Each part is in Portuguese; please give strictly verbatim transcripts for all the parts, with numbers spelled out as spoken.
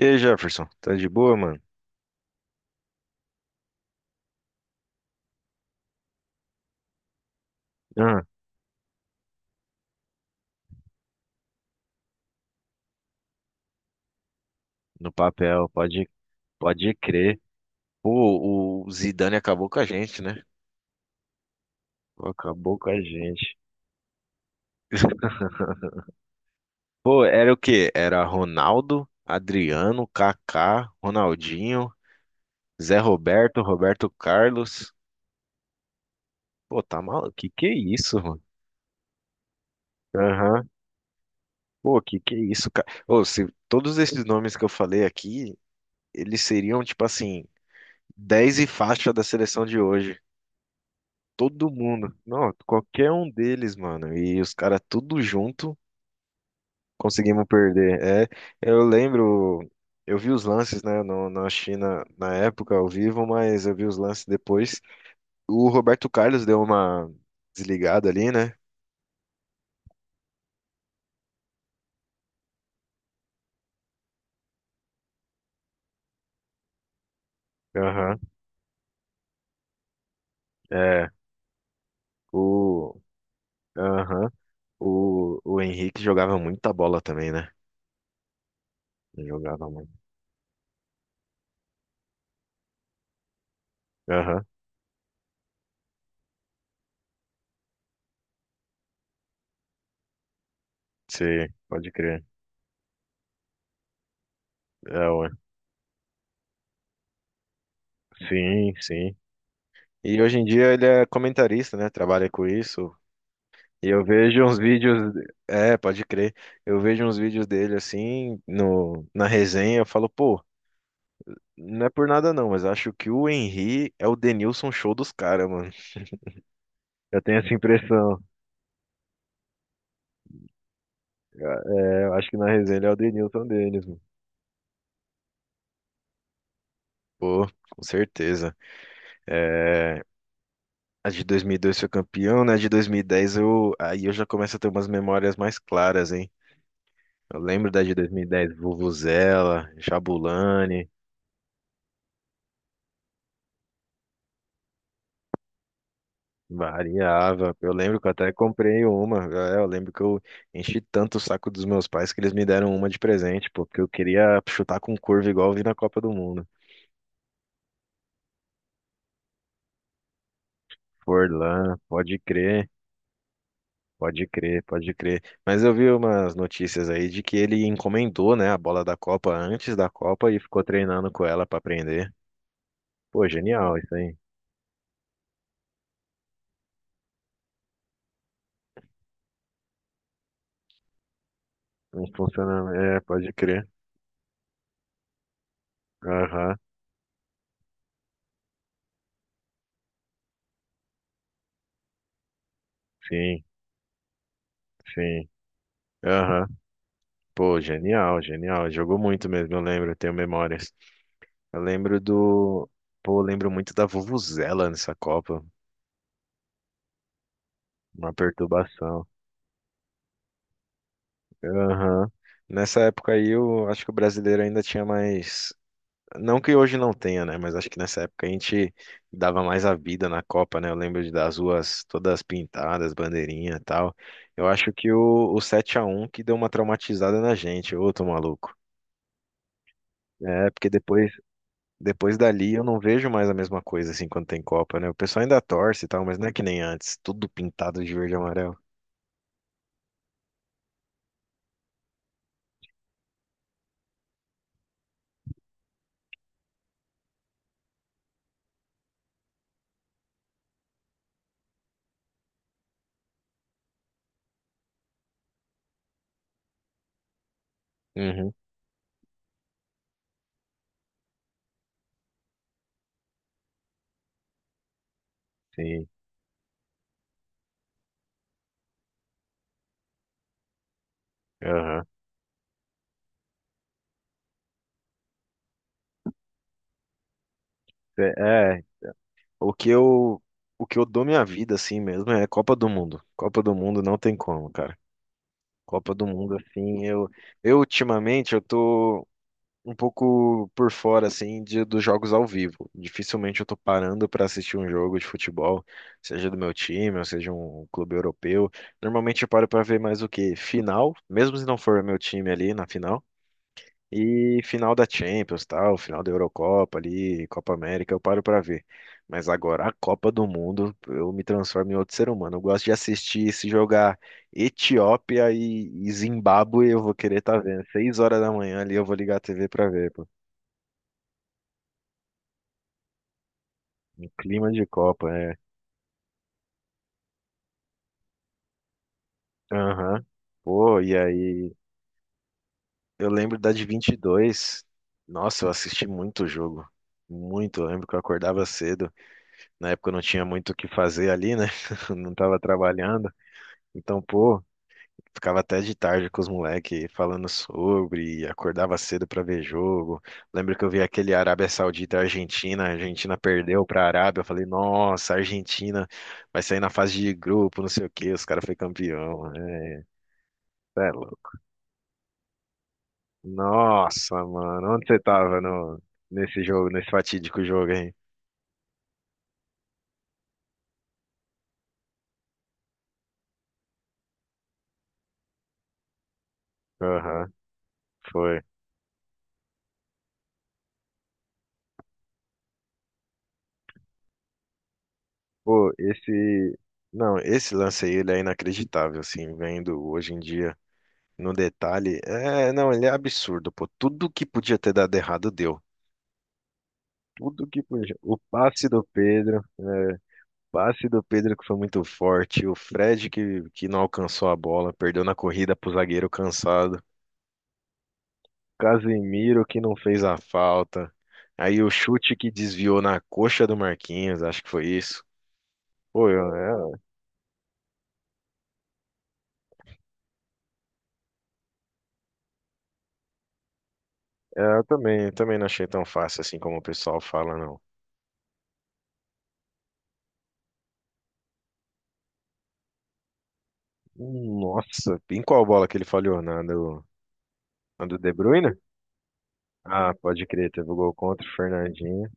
E aí, Jefferson, tá de boa, mano? Ah, no papel, pode, pode crer. Pô, o Zidane acabou com a gente, né? Pô, acabou com a gente. Pô, era o quê? Era Ronaldo, Adriano, Kaká, Ronaldinho, Zé Roberto, Roberto Carlos. Pô, tá maluco? Que que é isso, mano? Aham. Pô, que que é isso, cara? Ô, se todos esses nomes que eu falei aqui, eles seriam, tipo assim, dez e faixa da seleção de hoje. Todo mundo. Não, qualquer um deles, mano. E os caras tudo junto conseguimos perder. É, eu lembro, eu vi os lances, né, no, na China na época ao vivo, mas eu vi os lances depois. O Roberto Carlos deu uma desligada ali, né? Aham. É. O, aham. O, o Henrique jogava muita bola também, né? Ele jogava muito. Aham. Sim, pode crer. É, ué. Sim, sim. E hoje em dia ele é comentarista, né? Trabalha com isso, e eu vejo uns vídeos, é, pode crer. Eu vejo uns vídeos dele assim no na resenha, eu falo, pô, não é por nada não, mas acho que o Henry é o Denilson show dos caras, mano. Eu tenho essa impressão. É, eu acho que na resenha ele é o Denilson deles, mano. Pô, com certeza. É, a de dois mil e dois foi campeão, né? A de dois mil e dez, eu aí eu já começo a ter umas memórias mais claras, hein? Eu lembro da de dois mil e dez, Vuvuzela, Jabulani, Variava. Eu lembro que eu até comprei uma. É, eu lembro que eu enchi tanto o saco dos meus pais que eles me deram uma de presente, pô, porque eu queria chutar com curva igual eu vi na Copa do Mundo. Forlan, pode crer, pode crer, pode crer. Mas eu vi umas notícias aí de que ele encomendou, né, a bola da Copa antes da Copa e ficou treinando com ela pra aprender. Pô, genial isso aí. Não funciona, é, pode crer. Aham, sim, sim. Aham. Pô, genial, genial. Jogou muito mesmo, eu lembro, eu tenho memórias. Eu lembro do. Pô, eu lembro muito da Vuvuzela nessa Copa. Uma perturbação. Aham. Nessa época aí, eu acho que o brasileiro ainda tinha mais. Não que hoje não tenha, né? Mas acho que nessa época a gente dava mais a vida na Copa, né? Eu lembro de das ruas todas pintadas, bandeirinha e tal. Eu acho que o, o sete a um que deu uma traumatizada na gente. Ô, tô maluco. É, porque depois Depois dali eu não vejo mais a mesma coisa assim quando tem Copa, né? O pessoal ainda torce e tal, mas não é que nem antes, tudo pintado de verde e amarelo. Uhum, sim. Aham. É, é, o que eu o que eu dou minha vida assim mesmo é Copa do Mundo. Copa do Mundo não tem como, cara. Copa do Mundo assim, eu eu ultimamente eu tô um pouco por fora, assim, de, dos jogos ao vivo. Dificilmente eu tô parando pra assistir um jogo de futebol, seja do meu time, ou seja um clube europeu. Normalmente eu paro pra ver mais o quê? Final, mesmo se não for meu time ali na final. E final da Champions, tal, final da Eurocopa ali, Copa América, eu paro pra ver. Mas agora a Copa do Mundo, eu me transformo em outro ser humano. Eu gosto de assistir se jogar Etiópia e, e Zimbábue, eu vou querer estar vendo. Seis horas da manhã ali eu vou ligar a T V pra ver, pô. Um clima de Copa, é. Aham. Pô, e aí? Eu lembro da de vinte e dois. Nossa, eu assisti muito o jogo. Muito. Eu lembro que eu acordava cedo. Na época eu não tinha muito o que fazer ali, né? Não tava trabalhando. Então, pô, ficava até de tarde com os moleques falando sobre. E acordava cedo pra ver jogo. Lembro que eu vi aquele Arábia Saudita e Argentina. A Argentina perdeu pra Arábia. Eu falei, nossa, a Argentina vai sair na fase de grupo, não sei o quê. Os caras foi campeão, né? Nossa, mano, onde você tava no, nesse jogo, nesse fatídico jogo, hein? Aham, foi. Pô, esse. Não, esse lance aí, ele é inacreditável, assim, vendo hoje em dia no detalhe. É, não, ele é absurdo, pô. Tudo que podia ter dado errado deu. Tudo que podia. O passe do Pedro, o passe do Pedro que foi muito forte, o Fred que, que não alcançou a bola, perdeu na corrida pro zagueiro cansado. Casemiro que não fez a falta. Aí o chute que desviou na coxa do Marquinhos, acho que foi isso. Pô, eu, é- é, eu também, eu também não achei tão fácil assim como o pessoal fala, não. Nossa, em qual bola que ele falhou? Na do, na do De Bruyne? Ah, pode crer, teve o gol contra o Fernandinho.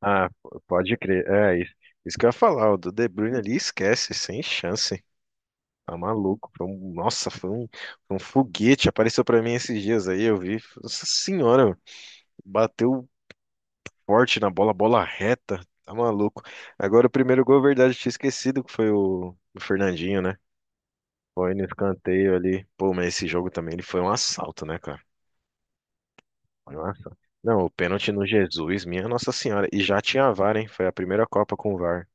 Ah, p- pode crer, é isso. Isso que eu ia falar, o do De Bruyne ali esquece, sem chance. Tá maluco. Foi um- nossa, foi um, foi um foguete. Apareceu pra mim esses dias aí, eu vi. Nossa senhora, bateu forte na bola, bola reta, tá maluco. Agora o primeiro gol, é verdade, eu tinha esquecido que foi o, o Fernandinho, né? Foi no escanteio ali. Pô, mas esse jogo também ele foi um assalto, né, cara? Foi um assalto. Não, o pênalti no Jesus, minha Nossa Senhora. E já tinha a VAR, hein? Foi a primeira Copa com o VAR.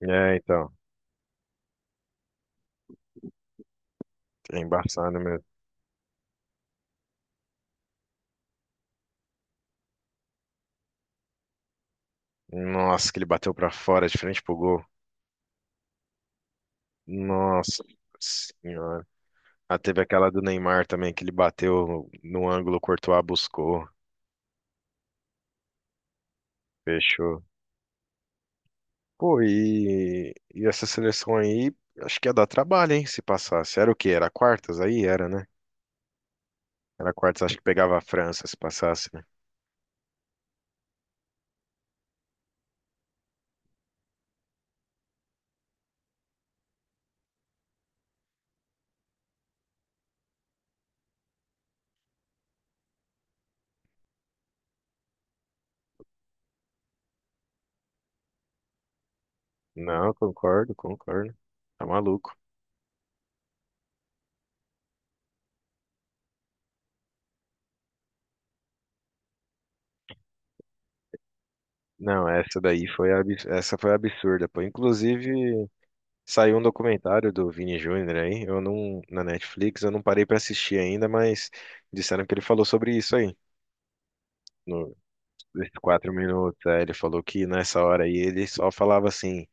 É, então, é embaçado mesmo. Nossa, que ele bateu pra fora, de frente pro gol. Nossa Senhora. Ah, teve aquela do Neymar também, que ele bateu no ângulo, o Courtois buscou, fechou. Pô, e, e essa seleção aí, acho que ia dar trabalho, hein, se passasse. Era o quê? Era quartas aí? Era, né? Era quartas, acho que pegava a França se passasse, né? Não, concordo, concordo. Tá maluco. Não, essa daí foi, abs- essa foi absurda, pô. Inclusive, saiu um documentário do Vini Júnior aí, eu não, na Netflix, eu não parei pra assistir ainda, mas disseram que ele falou sobre isso aí, no, nesses quatro minutos. Aí ele falou que nessa hora aí ele só falava assim,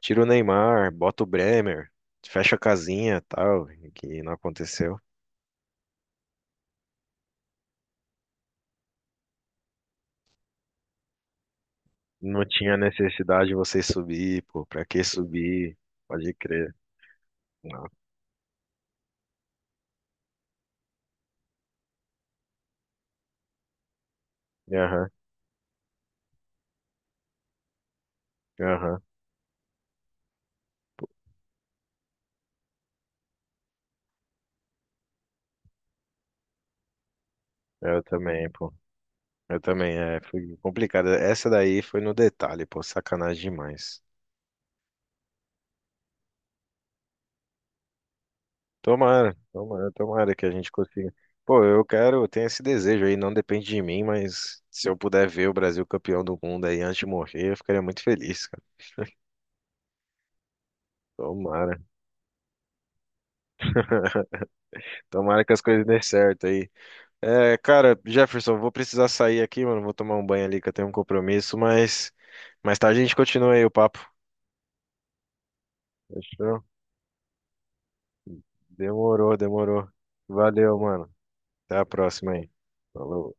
tira o Neymar, bota o Bremer, fecha a casinha, tal, que não aconteceu. Não tinha necessidade de vocês subir, pô, pra que subir? Pode crer. Não. Aham, aham, eu também, pô. Eu também, é, foi complicado. Essa daí foi no detalhe, pô, sacanagem demais. Tomara, tomara, tomara que a gente consiga. Pô, eu quero, eu tenho esse desejo aí, não depende de mim, mas se eu puder ver o Brasil campeão do mundo aí antes de morrer, eu ficaria muito feliz, cara. Tomara. Tomara que as coisas dêem certo aí. É, cara, Jefferson, vou precisar sair aqui, mano. Vou tomar um banho ali que eu tenho um compromisso, mas mais tarde a gente continua aí o papo. Fechou? Demorou, demorou. Valeu, mano. Até a próxima aí. Falou.